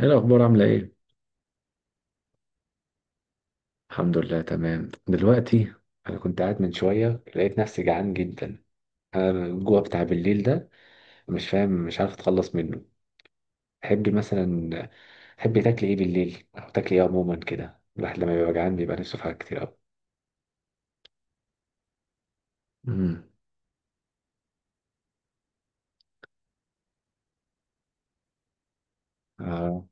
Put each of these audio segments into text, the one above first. ايه الاخبار عامله ايه؟ الحمد لله تمام دلوقتي. انا كنت قاعد من شويه، لقيت نفسي جعان جدا. انا الجوع بتاع بالليل ده مش فاهم، مش عارف اتخلص منه. تحبي مثلا تحبي تاكلي ايه بالليل، او تاكلي ايه عموما كده؟ الواحد لما بيبقى جعان بيبقى نفسه في حاجات كتير قوي. امم اه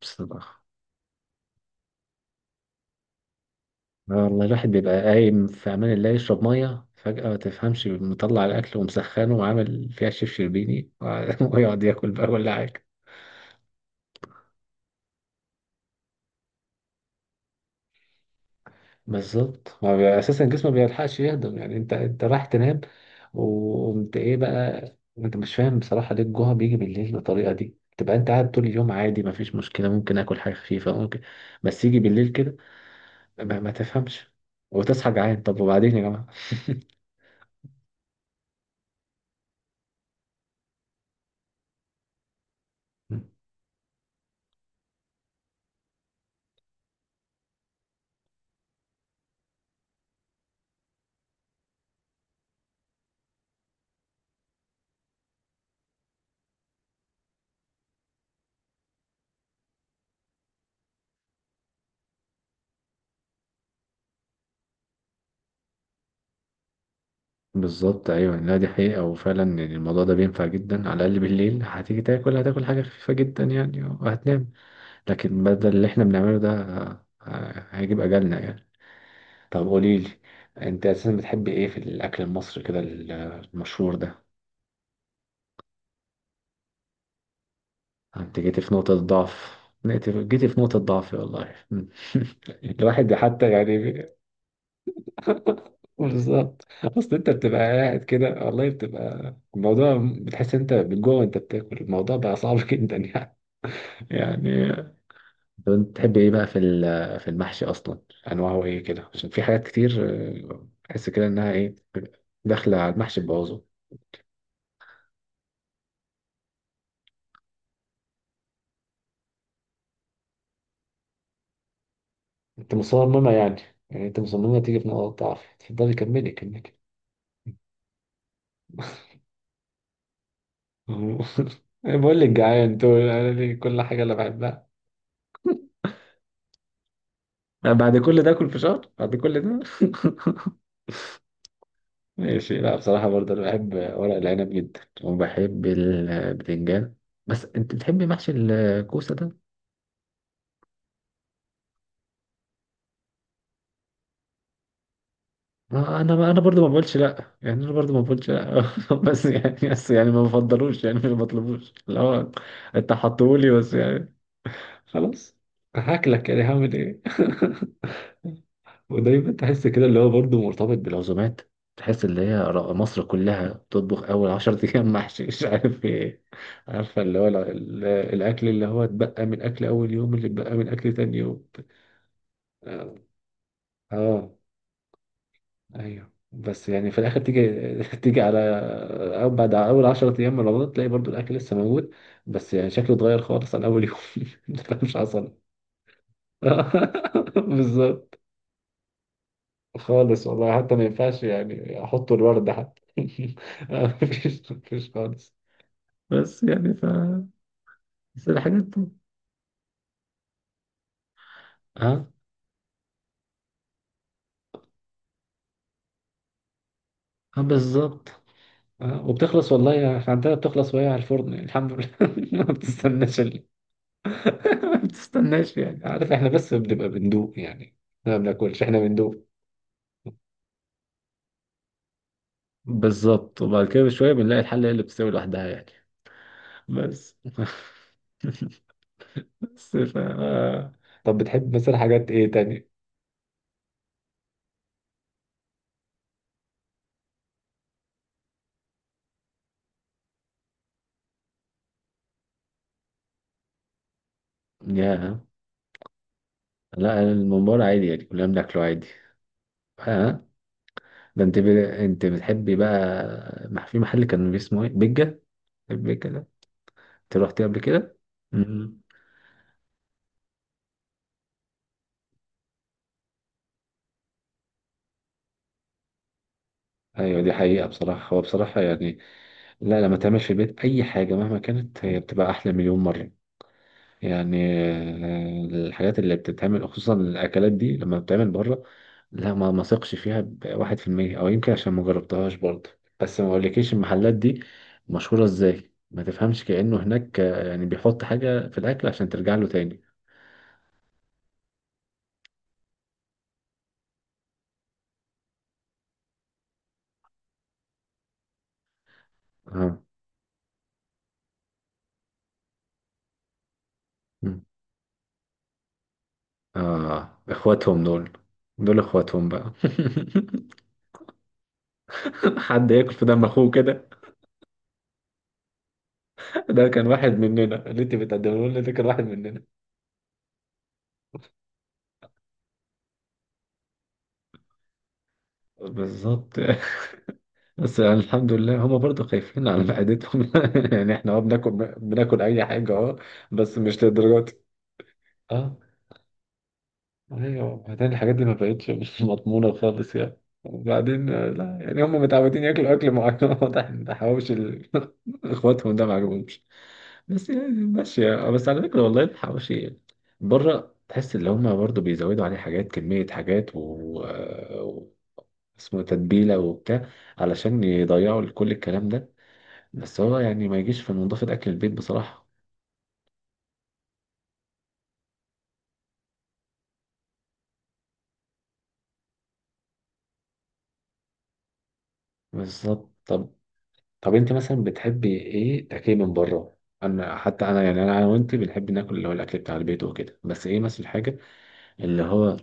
بصراحه. آه والله الواحد بيبقى قايم في امان الله يشرب ميه فجأة، ما تفهمش مطلع الأكل ومسخنه وعامل فيها شيف شربيني ويقعد ياكل بقى ولا حاجة. بالظبط، ما بي- اساسا جسمه ما بيلحقش يهضم، يعني انت رايح تنام وقمت ايه بقى. انت مش فاهم بصراحه ليه الجوع بيجي بالليل بالطريقه دي، تبقى انت قاعد طول اليوم عادي، ما فيش مشكله، ممكن اكل حاجه خفيفه ممكن. بس يجي بالليل كده ما تفهمش وتصحى جعان. طب وبعدين يا جماعه؟ بالظبط ايوه، لا دي حقيقه، وفعلا يعني الموضوع ده بينفع جدا. على الاقل بالليل هتيجي تاكل هتاكل حاجه خفيفه جدا يعني وهتنام. لكن بدل اللي احنا بنعمله ده هيجيب اجلنا يعني. طب قولي لي، انت اساسا بتحب ايه في الاكل المصري كده، المشهور ده؟ انت جيتي في نقطة ضعف. جيتي في نقطة ضعف والله. الواحد حتى يعني بالظبط، اصل انت بتبقى قاعد كده والله، بتبقى الموضوع بتحس انت من جوه وانت بتاكل الموضوع بقى صعب جدا يعني طب انت بتحب ايه بقى في المحشي اصلا؟ انواعه ايه كده؟ عشان في حاجات كتير، اه بحس كده انها ايه داخله على المحشي. انت مصممة يعني. يعني انت مصممة تيجي في نقط ضعف. اتفضلي كملي كملي. بقول لك جعان تقول انا لي كل حاجة اللي بحبها. بعد كل ده اكل فشار بعد كل ده؟ ماشي، لا بصراحة برضه انا بحب ورق العنب جدا وبحب البتنجان. بس انت بتحبي محشي الكوسة ده؟ ما انا برضه ما بقولش لا يعني، انا برضه ما بقولش لا بس يعني ما بفضلوش يعني، ما بطلبوش لا. انت حطولي بس يعني. خلاص هاكلك يعني، هعمل ايه. ودايما تحس كده اللي هو برضه مرتبط بالعزومات. تحس اللي هي مصر كلها بتطبخ اول عشر ايام محشي مش عارف ايه. عارفه اللي هو الاكل اللي هو اتبقى من اكل اول يوم، اللي اتبقى من اكل تاني يوم. اه آه، ايوه، بس يعني في الاخر تيجي تيجي على، أو بعد اول 10 ايام من رمضان تلاقي برضو الاكل لسه موجود بس يعني شكله اتغير خالص عن اول يوم. مش حصل. بالظبط خالص والله، حتى ما ينفعش يعني احط الورد حتى. مفيش خالص. بس يعني ف، بس الحاجات دي. اه. اه بالظبط. اه وبتخلص والله، احنا عندنا بتخلص وهي على الفرن يعني، الحمد لله ما بتستناش ال... ما بتستناش يعني. عارف احنا بس بنبقى بندوق يعني، احنا ما بناكلش، احنا بندوق. بالظبط، وبعد كده بشوية بنلاقي الحلة هي اللي بتستوي لوحدها يعني. بس بس ف آه. طب بتحب مثلا حاجات ايه تاني؟ ياه. لا أنا الممبار عادي يعني، كلنا بناكله عادي. ها. ده انت بتحبي بقى في محل كان اسمه ايه، بيجا، البيجا ده؟ انت رحتيه قبل كده؟ امم ايوه دي حقيقة بصراحة، هو بصراحة يعني، لا، لما تعمل في البيت اي حاجة مهما كانت هي بتبقى احلى مليون مرة يعني. الحاجات اللي بتتعمل خصوصا الأكلات دي لما بتتعمل بره، لا ما ثقش فيها بواحد في المية، أو يمكن عشان ما جربتهاش برضه. بس ما أقولكيش المحلات دي مشهورة إزاي، ما تفهمش، كأنه هناك يعني بيحط حاجة في الأكل عشان ترجع له تاني. آه. مم. آه إخواتهم دول. دول إخواتهم بقى. حد ياكل في دم أخوه كده. ده كان واحد مننا اللي أنت بتقدمه لنا، ده كان واحد مننا. بالظبط. بس يعني الحمد لله هما برضو خايفين على معدتهم يعني. احنا اه بناكل، بناكل اي حاجه اه، بس مش للدرجه دي. اه. ايوه، وبعدين الحاجات دي ما بقتش مش مضمونه خالص يعني. وبعدين لا يعني هما متعودين ياكلوا اكل معين واضح ان حواوشي اخواتهم ده ما عجبهمش. بس يعني ماشيه بس على فكره والله الحواوشي بره تحس ان هما برضو بيزودوا عليه حاجات، كميه حاجات و... و... اسمه تتبيله وبتاع، علشان يضيعوا كل الكلام ده. بس هو يعني ما يجيش في نظافة أكل البيت بصراحة. بالظبط. طب أنت مثلا بتحبي إيه أكل من بره؟ أنا حتى أنا يعني أنا وأنت بنحب ناكل اللي هو الأكل بتاع البيت وكده، بس إيه مثلا الحاجة اللي هو،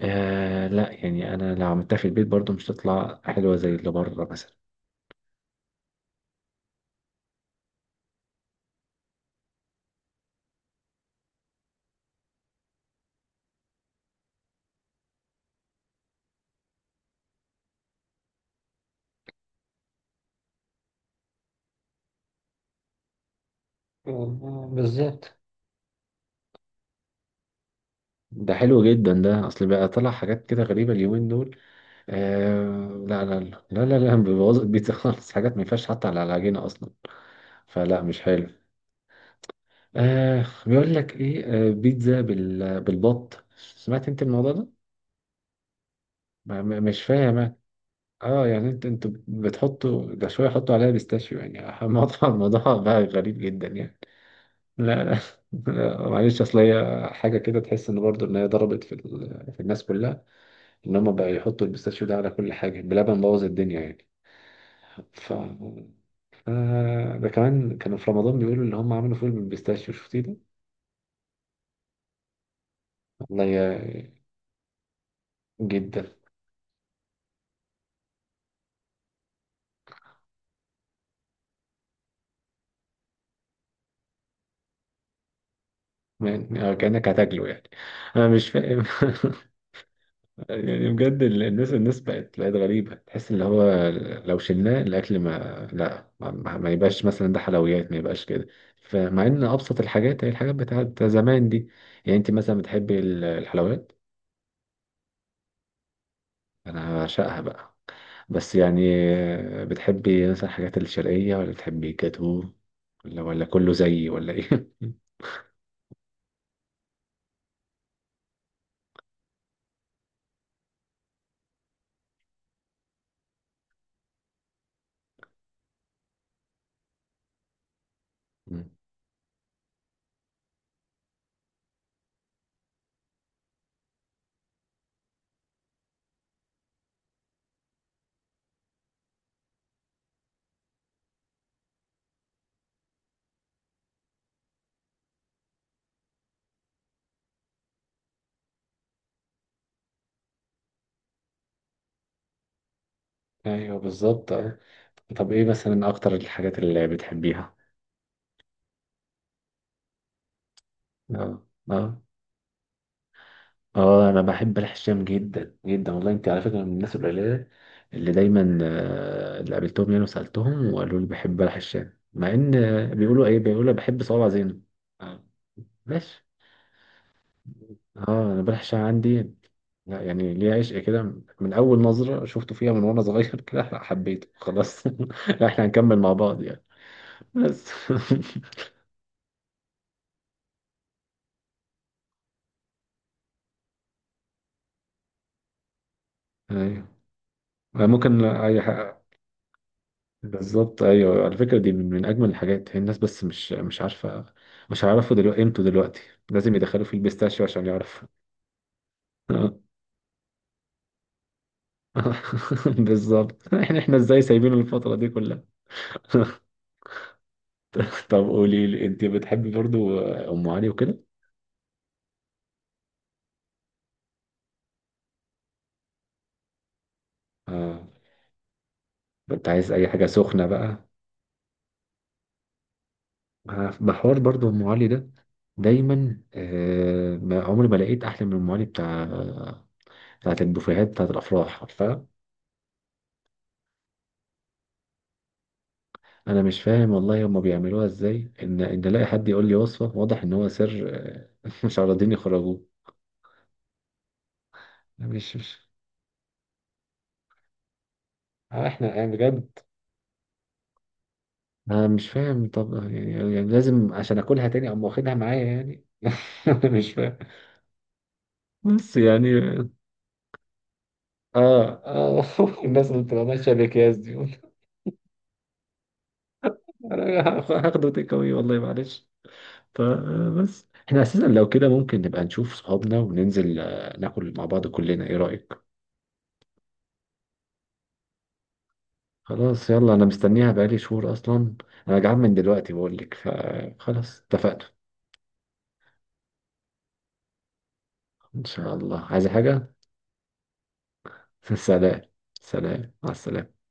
لا يعني أنا لو عملتها في البيت برضو مش هتطلع حلوة زي اللي بره مثلا. بالظبط. ده حلو جدا، ده اصل بقى طلع حاجات كده غريبه اليومين دول. لا لا لا لا لا, لا بيبوظ البيتزا خالص، حاجات ما ينفعش حتى على العجينه اصلا، فلا مش حلو. بيقول لك ايه، بيتزا بالبط، سمعت انت الموضوع ده؟ مش فاهم أنا. اه يعني انت بتحطوا ده شويه، حطوا عليها بيستاشيو يعني، الموضوع بقى غريب جدا يعني. لا لا لا، معلش اصل هي حاجه كده تحس ان برضو ان هي ضربت في الناس كلها، ان هم بقى يحطوا البيستاشيو ده على كل حاجه، بلبن، بوظ الدنيا يعني. ف ده كمان كانوا في رمضان بيقولوا اللي هم عملوا فول بالبيستاشيو، شفتيه ده؟ والله جدا يعني. كأنك هتاكله يعني، انا مش فاهم. يعني بجد الناس بقت غريبة. تحس ان هو لو شلناه الاكل ما، لا ما يبقاش مثلا، ده حلويات ما يبقاش كده. فمع ان ابسط الحاجات هي الحاجات بتاعت زمان دي. يعني انت مثلا بتحبي الحلويات؟ انا بعشقها بقى، بس يعني بتحبي مثلا الحاجات الشرقية ولا بتحبي جاتو، ولا كله زيي، ولا ايه؟ مم. ايوه بالظبط. طب ايه مثلا اكتر الحاجات اللي بتحبيها؟ اه اه اه، انا بحب الحشام جدا جدا والله، انت على فكره من الناس القليله اللي دايما اللي قابلتهم يعني وسالتهم وقالوا لي بحب الحشام، مع ان بيقولوا بحب صوابع زينب. آه، ماشي. اه انا بالحشام عندي، لا يعني ليه عشق كده من اول نظره شفته فيها من وانا صغير كده، لا، حبيته خلاص لا، احنا هنكمل مع بعض يعني. بس ايوه. ممكن اي حاجة. بالظبط ايوه، على فكره دي من اجمل الحاجات، هي الناس بس مش عارفه، مش هيعرفوا دلوقتي قيمته دلوقتي، لازم يدخلوا فيه البيستاشيو عشان يعرفوا. آه. بالظبط، احنا ازاي سايبين الفتره دي كلها؟ طب قولي لي، انت بتحبي برضو ام علي وكده؟ اه، انت عايز اي حاجه سخنه بقى. محور برضو ام علي ده، دايما ما عمري ما لقيت احلى من ام علي بتاع بتاعت البوفيهات بتاعت الافراح، عارفه. انا مش فاهم والله هما بيعملوها ازاي، ان الاقي حد يقول لي وصفه، واضح ان هو سر مش عارضين يخرجوه. مش احنا يعني بجد، انا مش فاهم، طب يعني لازم عشان اكلها تاني اقوم واخدها معايا يعني؟ مش فاهم، بس يعني. اه. اه الناس اللي بتبقى ماشيه باكياس دي، انا هاخده تيك أواي والله معلش. فبس احنا اساسا لو كده ممكن نبقى نشوف صحابنا وننزل ناكل مع بعض كلنا، ايه رايك؟ خلاص يلا، انا مستنيها بقالي شهور اصلا، انا جعان من دلوقتي بقول لك، فخلاص اتفقنا. ان شاء الله، عايزة حاجة؟ سلام. سلام، مع السلامة.